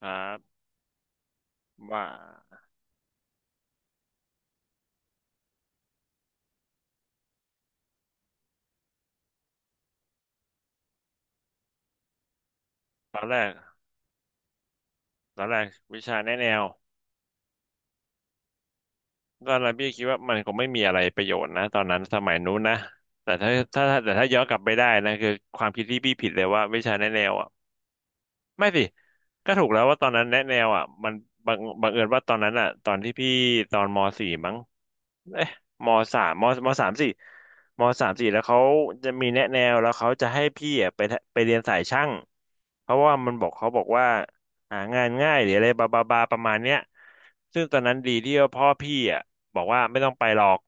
ครับว่าตอนแรกตอนแรกวิชาแนะแนวก็เราพี่คิดว่ามันคงไม่มีอะไรประโยชน์นะตอนนั้นสมัยนู้นนะแต่ถ้าย้อนกลับไปได้นะคือความคิดที่พี่ผิดเลยว่าวิชาแนะแนวอ่ะไม่สิก็ถูกแล้วว่าตอนนั้นแนะแนวอ่ะมันบังเอิญว่าตอนนั้นอ่ะตอนที่พี่ตอนม .4 มั้ง เอ๊ะมสามมมสามสี่มสามสี่แล้วเขาจะมีแนะแนวแล้วเขาจะให้พี่อะไปทะไปเรียนสายช่างเพราะว่ามันบอกเขาบอกว่าหางานง่ายหรืออะไรบาบาบาประมาณเนี้ยซึ่งตอนนั้นดีที่ว่าพ่อพี่อ่ะบอกว่าไม่ต้องไปหรอก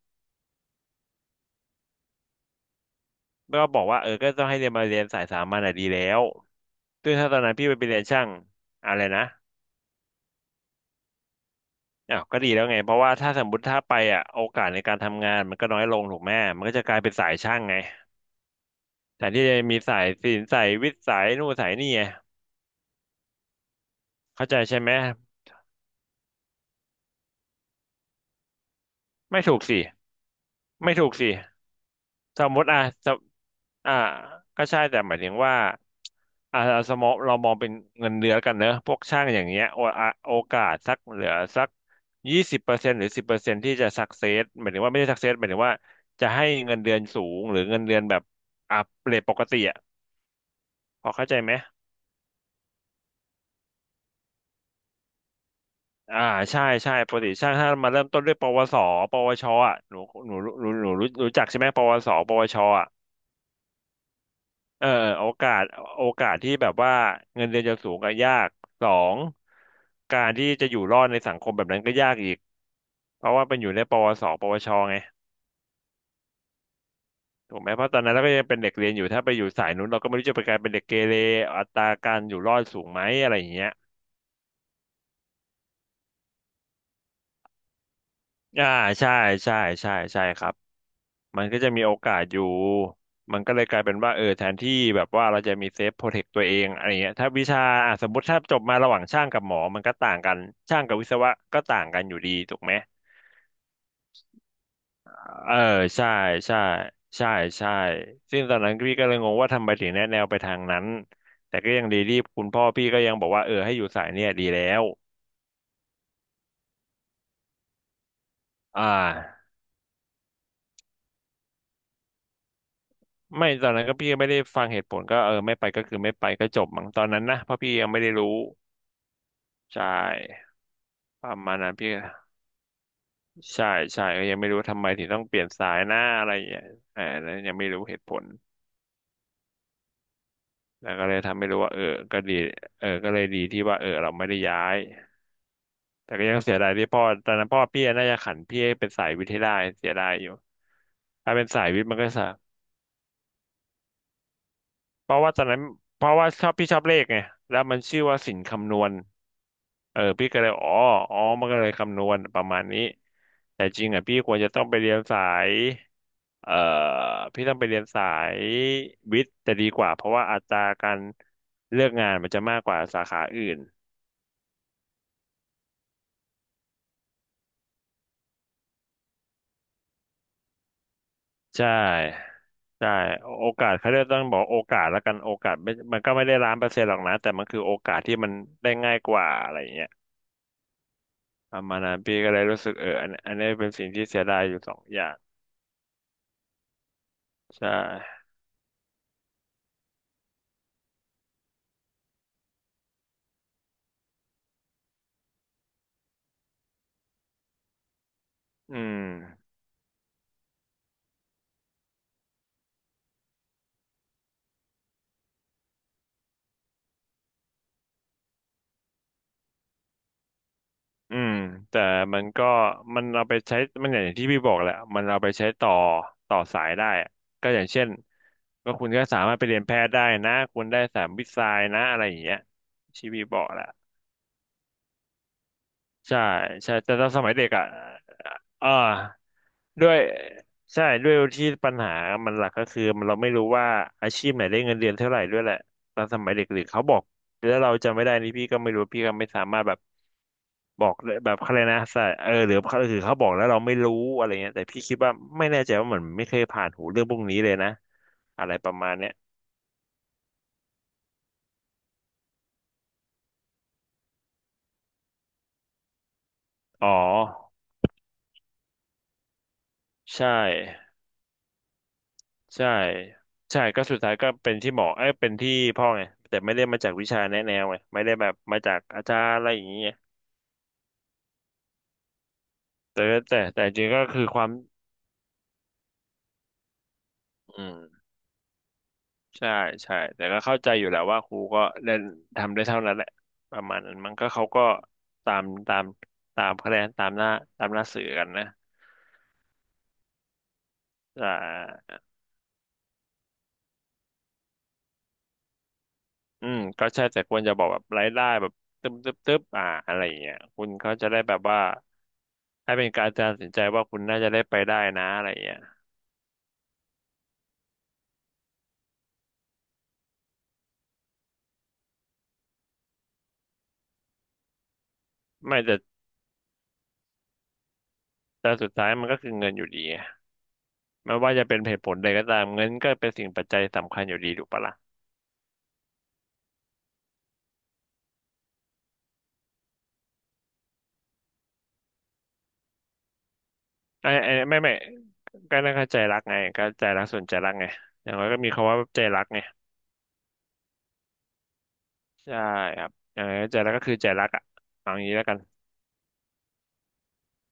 แล้วก็บอกว่าเออก็ต้องให้เรียนมาเรียนสายสามัญอ่ะดีแล้วซึ่งถ้าตอนนั้นพี่ไปเรียนช่างอะไรนะอ้าวก็ดีแล้วไงเพราะว่าถ้าสมมติถ้าไปอ่ะโอกาสในการทำงานมันก็น้อยลงถูกไหมมันก็จะกลายเป็นสายช่างไง แต่ที่มีสายศิลป์สายวิทย์สายนู่นสายนี่ไงเข้าใจใช่ไหมไม่ถูกสิไม่ถูกสิสมมติอ่ะสมอ่าก็ใช่แต่หมายถึงว่าอ่าสมมติเรามองเป็นเงินเดือนกันเนอะพวกช่างอย่างเงี้ยโออ่ะโอกาสสักเหลือสัก20%หรือสิบเปอร์เซ็นต์ที่จะสักเซสหมายถึงว่าไม่ได้สักเซสหมายถึงว่าจะให้เงินเดือนสูงหรือเงินเดือนแบบอ่ะเรทปกติอ่ะพอเข้าใจไหม อ่าใช่ใช่ปกติช่างถ้ามาเริ่มต้นด้วยปวสปวชอ่ะหนูหนูรู้จักใช่ไหมปวสปวชอ่ะเอออโอกาสโอกาสที่แบบว่าเงินเดือนจะสูงก็ยากสองการที่จะอยู่รอดในสังคมแบบนั้นก็ยากอีกเพราะว่าเป็นอยู่ในปวสปวชไงถูกไหมเพราะตอนนั้นเราก็ยังเป็นเด็กเรียนอยู่ถ้าไปอยู่สายนู้นเราก็ไม่รู้จะไปกลายเป็นเด็กเกเรอัตราการอยู่รอดสูงไหมอะไรอย่างเงี้ยอ่าใช่ใช่ใช่ใช่ครับ มันก็จะมีโอกาสอยู่ มันก็เลยกลายเป็นว่าเออแทนที่แบบว่าเราจะมีเซฟโปรเทคตัวเองอะไรเงี้ยถ้าวิชาอ่ะสมมติถ้าจบมาระหว่างช่างกับหมอมันก็ต่างกันช่างกับวิศวะก็ต่างกันอยู่ดีถูกไหมเออใช่ใช่ใช่ใช่ซึ่งตอนนั้นพี่ก็เลยงงว่าทำไมถึงแนะแนวไปทางนั้นแต่ก็ยังดีที่คุณพ่อพี่ก็ยังบอกว่าเออให้อยู่สายเนี่ยดีแล้วอ่าไม่ตอนนั้นก็พี่ก็ไม่ได้ฟังเหตุผลก็เออไม่ไปก็คือไม่ไปก็จบมั้งตอนนั้นนะเพราะพี่ยังไม่ได้รู้ใช่ประมาณนั้นพี่ ใช่ใช่ก็ยังไม่รู้ว่าทำไมถึงต้องเปลี่ยนสายหน้าอะไรอย่างเงี้ยอ่าแล้วยังไม่รู้เหตุผลแล้วก็เลยทำไม่รู้ว่าเออก็ดีเออก็เลยดีที่ว่าเออเราไม่ได้ย้ายแต่ก็ยังเสียดายที่พ่อตอนนั้นพ่อพี่น่าจะขันพี่ให้เป็นสายวิทย์ให้ได้เสียดายอยู่ถ้าเป็นสายวิทย์มันก็สะเพราะว่าตอนนั้นเพราะว่าชอบพี่ชอบเลขไงแล้วมันชื่อว่าสินคำนวณ เออพี่ก็เลยอ๋ออ๋อมันก็เลยคำนวณประมาณนี้แต่จริงอ่ะพี่ควรจะต้องไปเรียนสายเอ่อพี่ต้องไปเรียนสายวิทย์จะดีกว่าเพราะว่าอัตราการเลือกงานมันจะมากกว่าสาขาอื่นใช่ใช่โอกาสเขาเรียกต้องบอกโอกาสแล้วกันโอกาสไม่มันก็ไม่ได้1,000,000%หรอกนะแต่มันคือโอกาสที่มันได้ง่ายกว่าอะไรอย่างเงี้ยประมาณนั้นพี่ก็เลยรู้สึกเอออันนี้เป็นสิ่งที่เสียดายอยู่สองอย่างใช่อืม อืมแต่มันก็มันเอาไปใช้มันอย่างที่พี่บอกแหละมันเอาไปใช้ต่อต่อสายได้อะก็อย่างเช่นก็คุณก็สามารถไปเรียนแพทย์ได้นะคุณได้สามวิทย์ไซน์นะอะไรอย่างเงี้ยที่พี่บอกแหละใช่ใช่แต่ตอนสมัยเด็กอ่ะ อ่าด้วยใช่ด้วยที่ปัญหามันหลักก็คือเราไม่รู้ว่าอาชีพไหนได้เงินเดือนเท่าไหร่ด้วยแหละตอนสมัยเด็กหรือเขาบอกแล้วเราจำไม่ได้นี่พี่ก็ไม่รู้พี่ก็ไม่สามารถแบบบอกได้แบบอะไรยกนะใช่เออหรือหราือเขาบอกแล้วเราไม่รู้อะไรเงี้ยแต่พี่คิดว่าไม่แน่ใจว่าเหมือนไม่เคยผ่านหูเรื่องพวกนี้เลยนะอะไรประมาณเนี้ยอ๋อใช่ ใช่ใช่ก็สุดท้ายก็เป็นที่หมอเอ้ยเป็นที่พ่อไงแต่ไม่ได้มาจากวิชาแนะแนวไงไม่ได้แบบมาจากอาจารย์อะไรอย่างเงี้ยแต่แต่แต่จริงก็คือความอืมใช่ใช่แต่ก็เข้าใจอยู่แหล้วว่าครูก็เล่นทำได้เท่านั้นแหละประมาณนั้นมันเขาก็ตามตามคะแนนตามหน้าตามหน้าสื่อกันนะอ่าอืมก็ใช่แต่ควรจะบอกแบบรายได้แบบตึ๊บตึ๊บตึ๊บอะไรอย่างเงี้ยคุณเขาจะได้แบบว่าให้เป็นการตัดสินใจว่าคุณน่าจะได้ไปได้นะอะไรอย่างเงี้ย ไม่แต่แต่สุดท้ายมันก็คือเงินอยู่ดีไงไม่ว่าจะเป็นเหตุผลใดก็ตามเงินก็เป็นสิ่งปัจจัยสำคัญอยู่ดีถูกปะล่ะไม่ก็น่าเข้าใจรักไงก็ใจรักส่วนใจรักไงอย่างน้อยก็มีคำว่าใจรักไงใช่ครับอย่างน้อยใจรักก็คือใจรักอ่ะเอาอย่างนี้แล้วกัน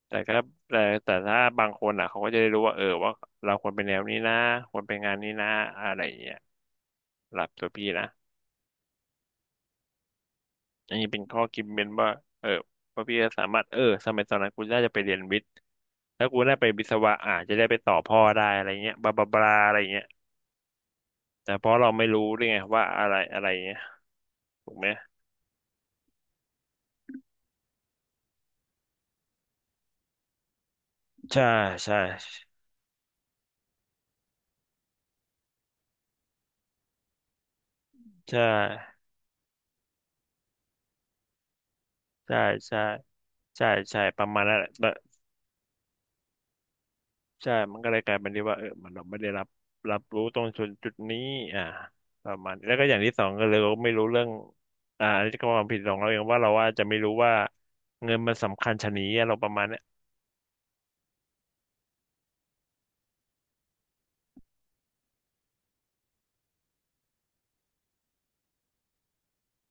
แต่ก็แต่แต่ถ้าบางคนอ่ะเขาก็จะได้รู้ว่าเออว่าเราควรเป็นแนวนี้นะควรเป็นงานนี้นะอะไรอย่างเงี้ยสำหลับตัวพี่นะอันนี้เป็นข้อคิดเป็นว่าเออว่าพี่จะสามารถเออสมัยตอนนั้นกูน่าจะไปเรียนวิทย์ แล้วกูได้ไปวิศวะอาจจะได้ไปต่อพ่อได้อะไรเงี้ยบลาบลาบลาอะไรเงี้ยแต่เพราะเราไม่รู้ด้วยไงว่าอะไรอะไรเงี้ยถูกไหมใช่ใช่ใช่ใช่ใช่ใช่ใช่ประมาณนั้นแหละแบบใช่มันก็เลยกลายเป็นที่ว่าเออเราไม่ได้รับรับรู้ตรงจุดนี้อ่าประมาณแล้วก็อย่างที่สองก็เลยเราไม่รู้เรื่องอันนี้ก็ความผิดของเราเองว่าเราว่าจจะไม่รู้ว่าเงินมันสำคัญชะนี้อะเราประมาณน้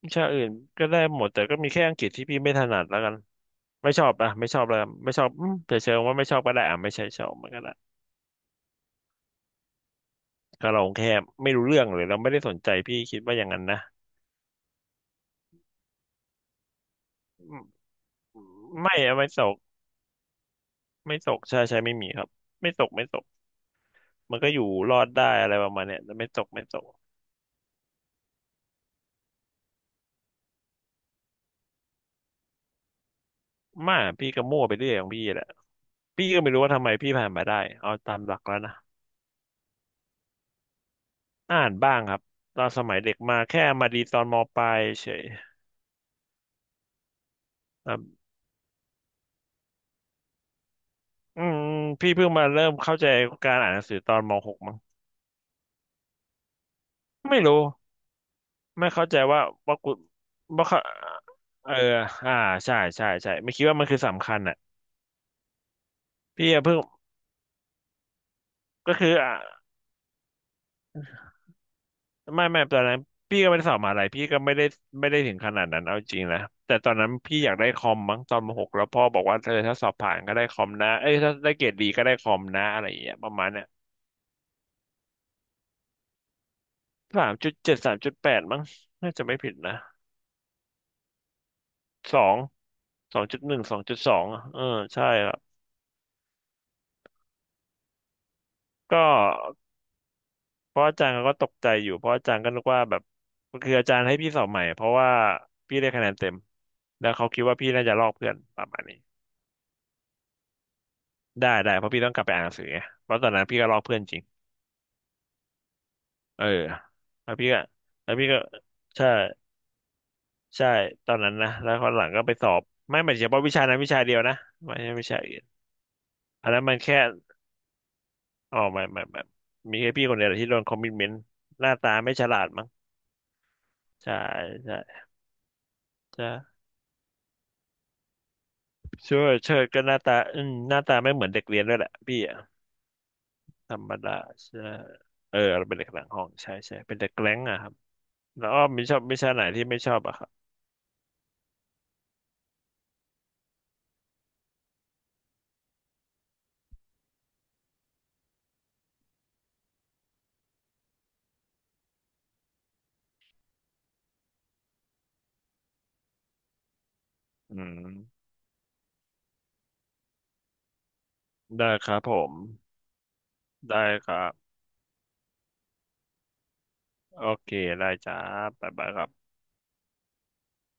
วิชาอื่นก็ได้หมดแต่ก็มีแค่อังกฤษที่พี่ไม่ถนัดแล้วกันไม่ชอบอ่ะไม่ชอบแล้วกันไม่ชอบอืมจะเชิงว่าไม่ชอบก็ได้อ่ะไม่ใช่ชอบมันก็ได้ก็เราแค่ไม่รู้เรื่องเลยเราไม่ได้สนใจพี่คิดว่าอย่างนั้นนะอืมไม่อะไม่ตกไม่ตกใช่ใช่ไม่มีครับไม่ตกไม่ตกมันก็อยู่รอดได้อะไรประมาณเนี้ยแต่ไม่ตกไม่ตกมาพี่ก็มั่วไปเรื่อยของพี่แหละพี่ก็ไม่รู้ว่าทำไมพี่ผ่านมาได้เอาตามหลักแล้วนะอ่านบ้างครับตอนสมัยเด็กมาแค่มาดีตอนมปลายเฉย อืมพี่เพิ่งมาเริ่มเข้าใจการอ่านหนังสือตอนมหกมั้งไม่รู้ไม่เข้าใจว่าว่ากูว่าเขาเอออ่าใช่ใช่ใช่ไม่คิดว่ามันคือสำคัญอ่ะพี่อะเพิ่งก็คืออ่ะไม่ไม่ตอนนั้นพี่ก็ไม่ได้สอบมหาลัยพี่ก็ไม่ได้ไม่ได้ถึงขนาดนั้นเอาจริงนะแต่ตอนนั้นพี่อยากได้คอมมั้งตอนมหกแล้วพ่อบอกว่าเธอถ้าสอบผ่านก็ได้คอมนะเอ้ยถ้าได้เกรดดีก็ได้คอมนะอะไรอย่างเงี้ยประมาณเนี้ยสามจุดเจ็ดสามจุดแปดมั้งน่าจะไม่ผิดนะ สองสองจุดหนึ่งสองจุดสองเออใช่ครับก็เพราะอาจารย์เขาก็ตกใจอยู่เพราะอาจารย์ก็นึกว่าแบบคืออาจารย์ให้พี่สอบใหม่เพราะว่าพี่ได้คะแนนเต็มแล้วเขาคิดว่าพี่น่าจะลอกเพื่อนประมาณนี้ได้ได้เพราะพี่ต้องกลับไปอ่านหนังสือไงเพราะตอนนั้นพี่ก็ลอกเพื่อนจริงเออแล้วพี่ก็แล้วพี่ก็ใช่ใช่ตอนนั้นนะแล้วคนหลังก็ไปสอบไม่ไม่เฉพาะวิชานั้นวิชาเดียวนะไม่ใช่วิชาอื่นอันนั้นมันแค่อ๋อไม่มีแค่พี่คนเดียวแหละที่โดนคอมมิชเมนต์หน้าตาไม่ฉลาดมั้ง ใช่ใช่ใช่เชิดก็หน้าตาอืมหน้าตาไม่เหมือนเด็กเรียนด้วยแหละพี่อะธรรมดาใช่เออเราเป็นเด็กหลังห้องใช่ใช่เป็นเด็กแกล้งอะครับแล้วอ้อมมีชอบวิชาไหนที่ไม่ชอบอะครับอืมได้ครับผมได้ครับโอเคได้จ้าบ๊ายบายครับ